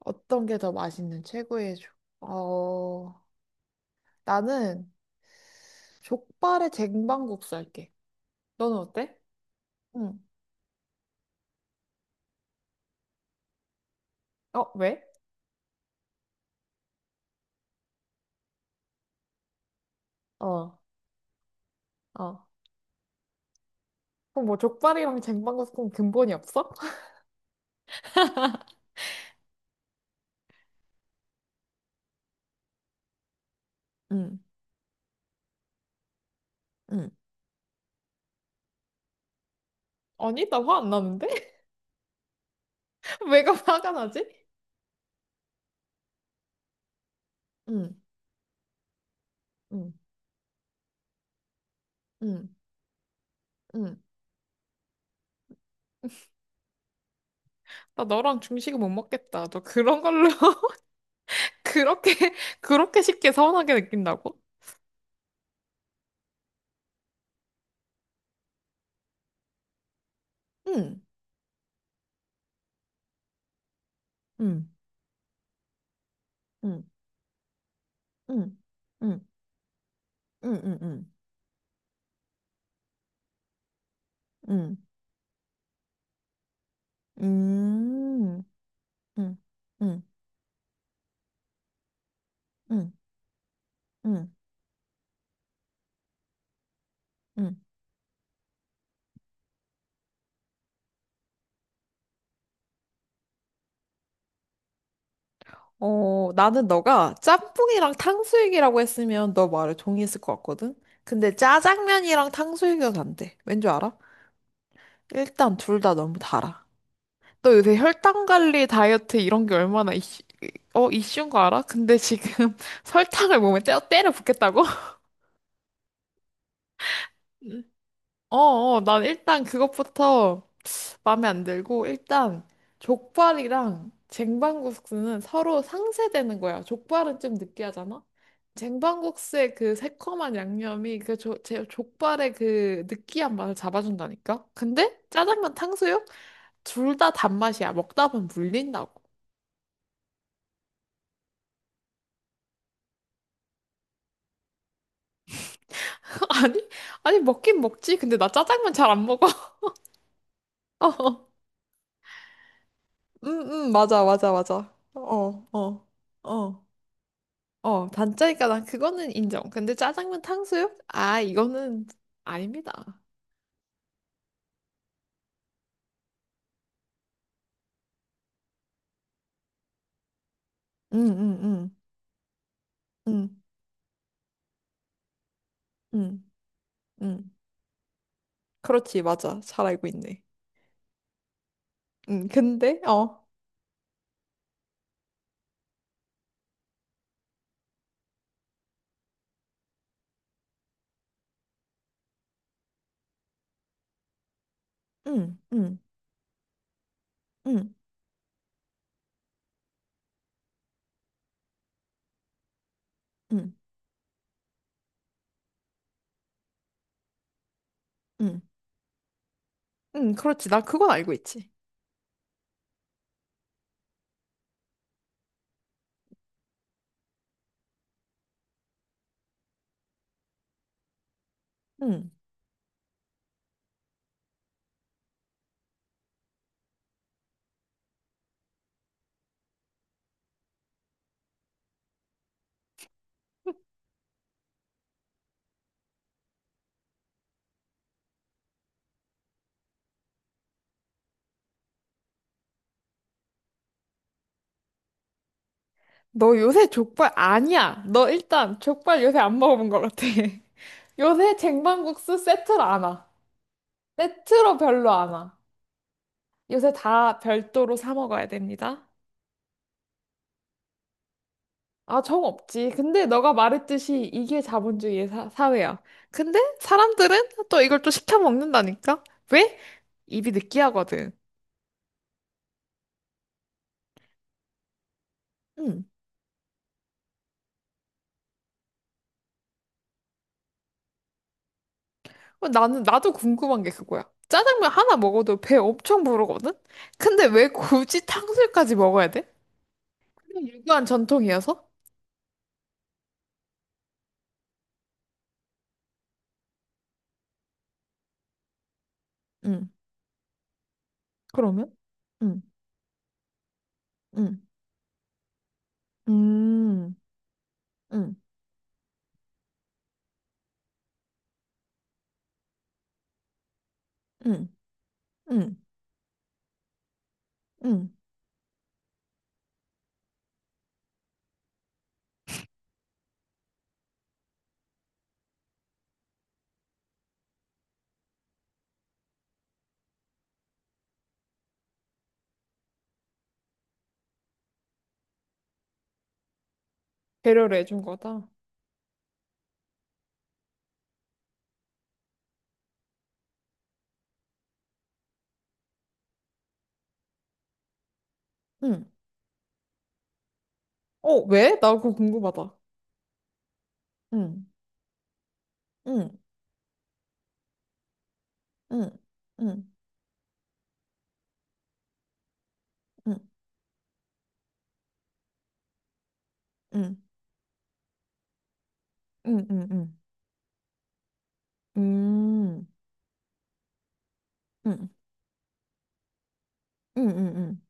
어떤 게 더 맛있는 최고의 족? 어, 나는 족발에 쟁반국수 할게. 너는 어때? 응. 어, 왜? 어, 어. 그럼 뭐 족발이랑 쟁반국수 그럼 근본이 없어? 응, 응, 아니, 나 화 안 나는데? 왜가 화가 나지? 응, 응, 응, 응. 나 너랑 중식은 못 먹겠다. 너 그런 걸로 그렇게 그렇게 쉽게 서운하게 느낀다고? 응, 응, 응, 응, 응, 응, 응, 응, 응. 음, 음, 음, 음, 음, 음. 어, 나는 너가 짬뽕이랑 탕수육이라고 했으면 너 말을 동의했을 것 같거든? 근데 짜장면이랑 탕수육은 안 돼. 왠 줄 알아? 일단 둘 다 너무 달아. 너 요새 혈당 관리, 다이어트 이런 게 얼마나 이슈인 거 알아? 근데 지금 설탕을 몸에 때려 붓겠다고? 어, 어, 난 일단 그것부터 마음에 안 들고 일단 족발이랑 쟁반국수는 서로 상쇄되는 거야. 족발은 좀 느끼하잖아. 쟁반국수의 그 새콤한 양념이 제 족발의 그 느끼한 맛을 잡아준다니까. 근데 짜장면 탕수육 둘 다 단맛이야. 먹다 보면 물린다고. 아니 아니 먹긴 먹지. 근데 나 짜장면 잘 안 먹어. 어, 어. 음, 맞아, 맞아, 맞아. 어, 어, 어. 어, 단짜니까 난 그거는 인정. 근데 짜장면 탕수육? 아, 이거는 아닙니다. 응, 응, 응, 응, 응, 응. 그렇지, 맞아. 잘 알고 있네. 응, 근데, 어, 응, 응, 응, 응, 응, 응, 그렇지. 나 그건 알고 있지. 응. 너 요새 족발 아니야. 너 일단 족발 요새 안 먹어본 것 같아. 요새 쟁반국수 세트로 안 와. 세트로 별로 안 와. 요새 다 별도로 사 먹어야 됩니다. 아, 정 없지. 근데 너가 말했듯이 이게 자본주의의 사회야. 근데 사람들은 또 이걸 또 시켜 먹는다니까? 왜? 입이 느끼하거든. 응. 나도 궁금한 게 그거야. 짜장면 하나 먹어도 배 엄청 부르거든? 근데 왜 굳이 탕수육까지 먹어야 돼? 그냥 유교한 전통이어서? 응. 그러면? 응, 응, 음, 응, 응, 응, 응. 배려를 해준 거다. 응. 어, 왜? 나 그거 궁금하다. 응. 응. 응, 응, 응, 응, 응, 응, 응, 음, 응, 응, 응, 응,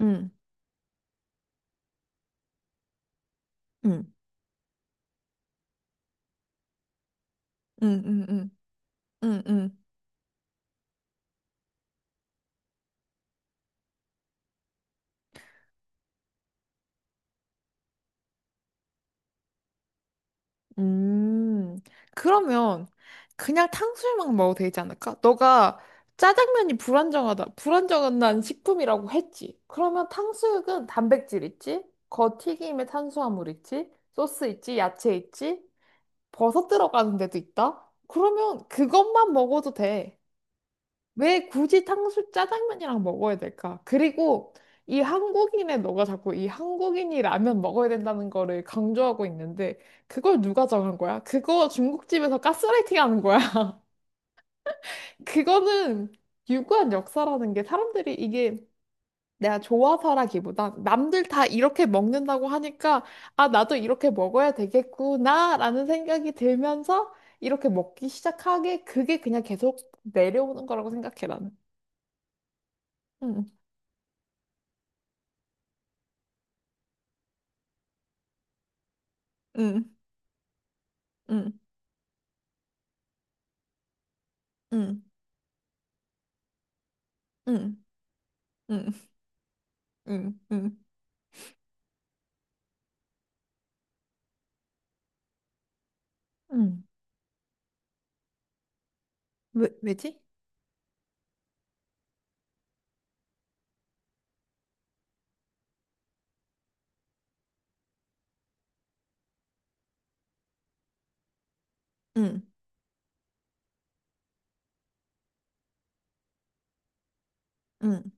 응, 응, 응, 응, 응, 응. 응, 응, 음, 그러면 그냥 탕수육만 먹어도 되지 않을까? 너가 짜장면이 불안정하다, 불안정한 식품이라고 했지. 그러면 탕수육은 단백질 있지? 겉튀김에 탄수화물 있지? 소스 있지? 야채 있지? 버섯 들어가는 데도 있다? 그러면 그것만 먹어도 돼. 왜 굳이 탕수 짜장면이랑 먹어야 될까? 그리고 이 한국인의 너가 자꾸 이 한국인이 라면 먹어야 된다는 거를 강조하고 있는데 그걸 누가 정한 거야? 그거 중국집에서 가스라이팅 하는 거야? 그거는 유구한 역사라는 게 사람들이 이게 내가 좋아서라기보단 남들 다 이렇게 먹는다고 하니까 아 나도 이렇게 먹어야 되겠구나라는 생각이 들면서 이렇게 먹기 시작하게 그게 그냥 계속 내려오는 거라고 생각해 나는. 응, 응, 응. 응, 응, 응, 응, 응, 응. 왜, 왜지? 응, 응,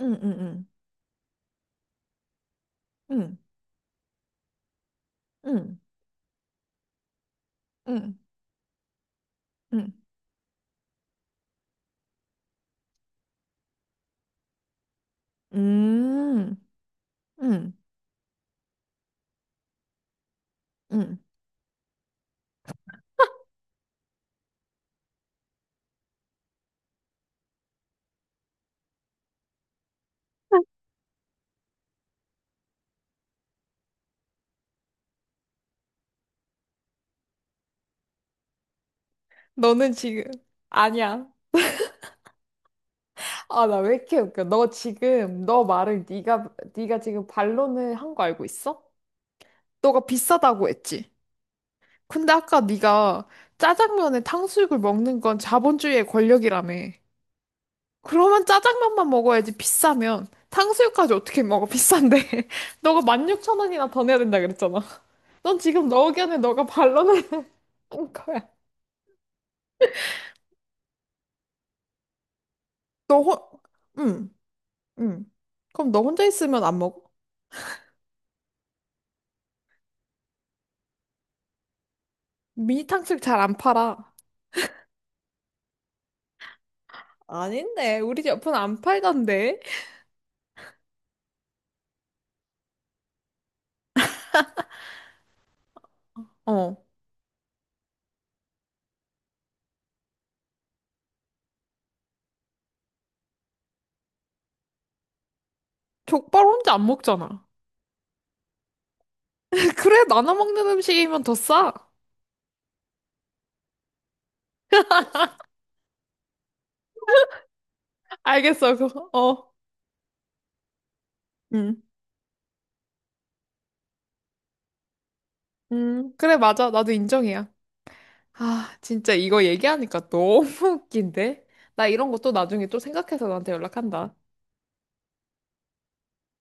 응, 응, 응, 응, 응, 응, 응, 응, 응. 응. 너는 지금 아니야. 아, 나 왜 이렇게 웃겨? 너 지금 너 말을 네가 네가 지금 반론을 한 거 알고 있어? 너가 비싸다고 했지. 근데 아까 네가 짜장면에 탕수육을 먹는 건 자본주의의 권력이라며. 그러면 짜장면만 먹어야지 비싸면 탕수육까지 어떻게 먹어 비싼데 너가 16,000원이나 더 내야 된다 그랬잖아 넌 지금 너 의견에 너가 반론을 하는 거야 너 혼... 응, 응. 그럼 너 혼자 있으면 안 먹어? 미니 탕수육 잘 안 팔아 아닌데 우리 집 옆은 안 팔던데 어 족발 혼자 안 먹잖아 그래 나눠 먹는 음식이면 더 싸 알겠어 그거 어 응, 응. 그래 맞아 나도 인정이야 아, 진짜 이거 얘기하니까 너무 웃긴데? 나 이런 것도 나중에 또 생각해서 너한테 연락한다.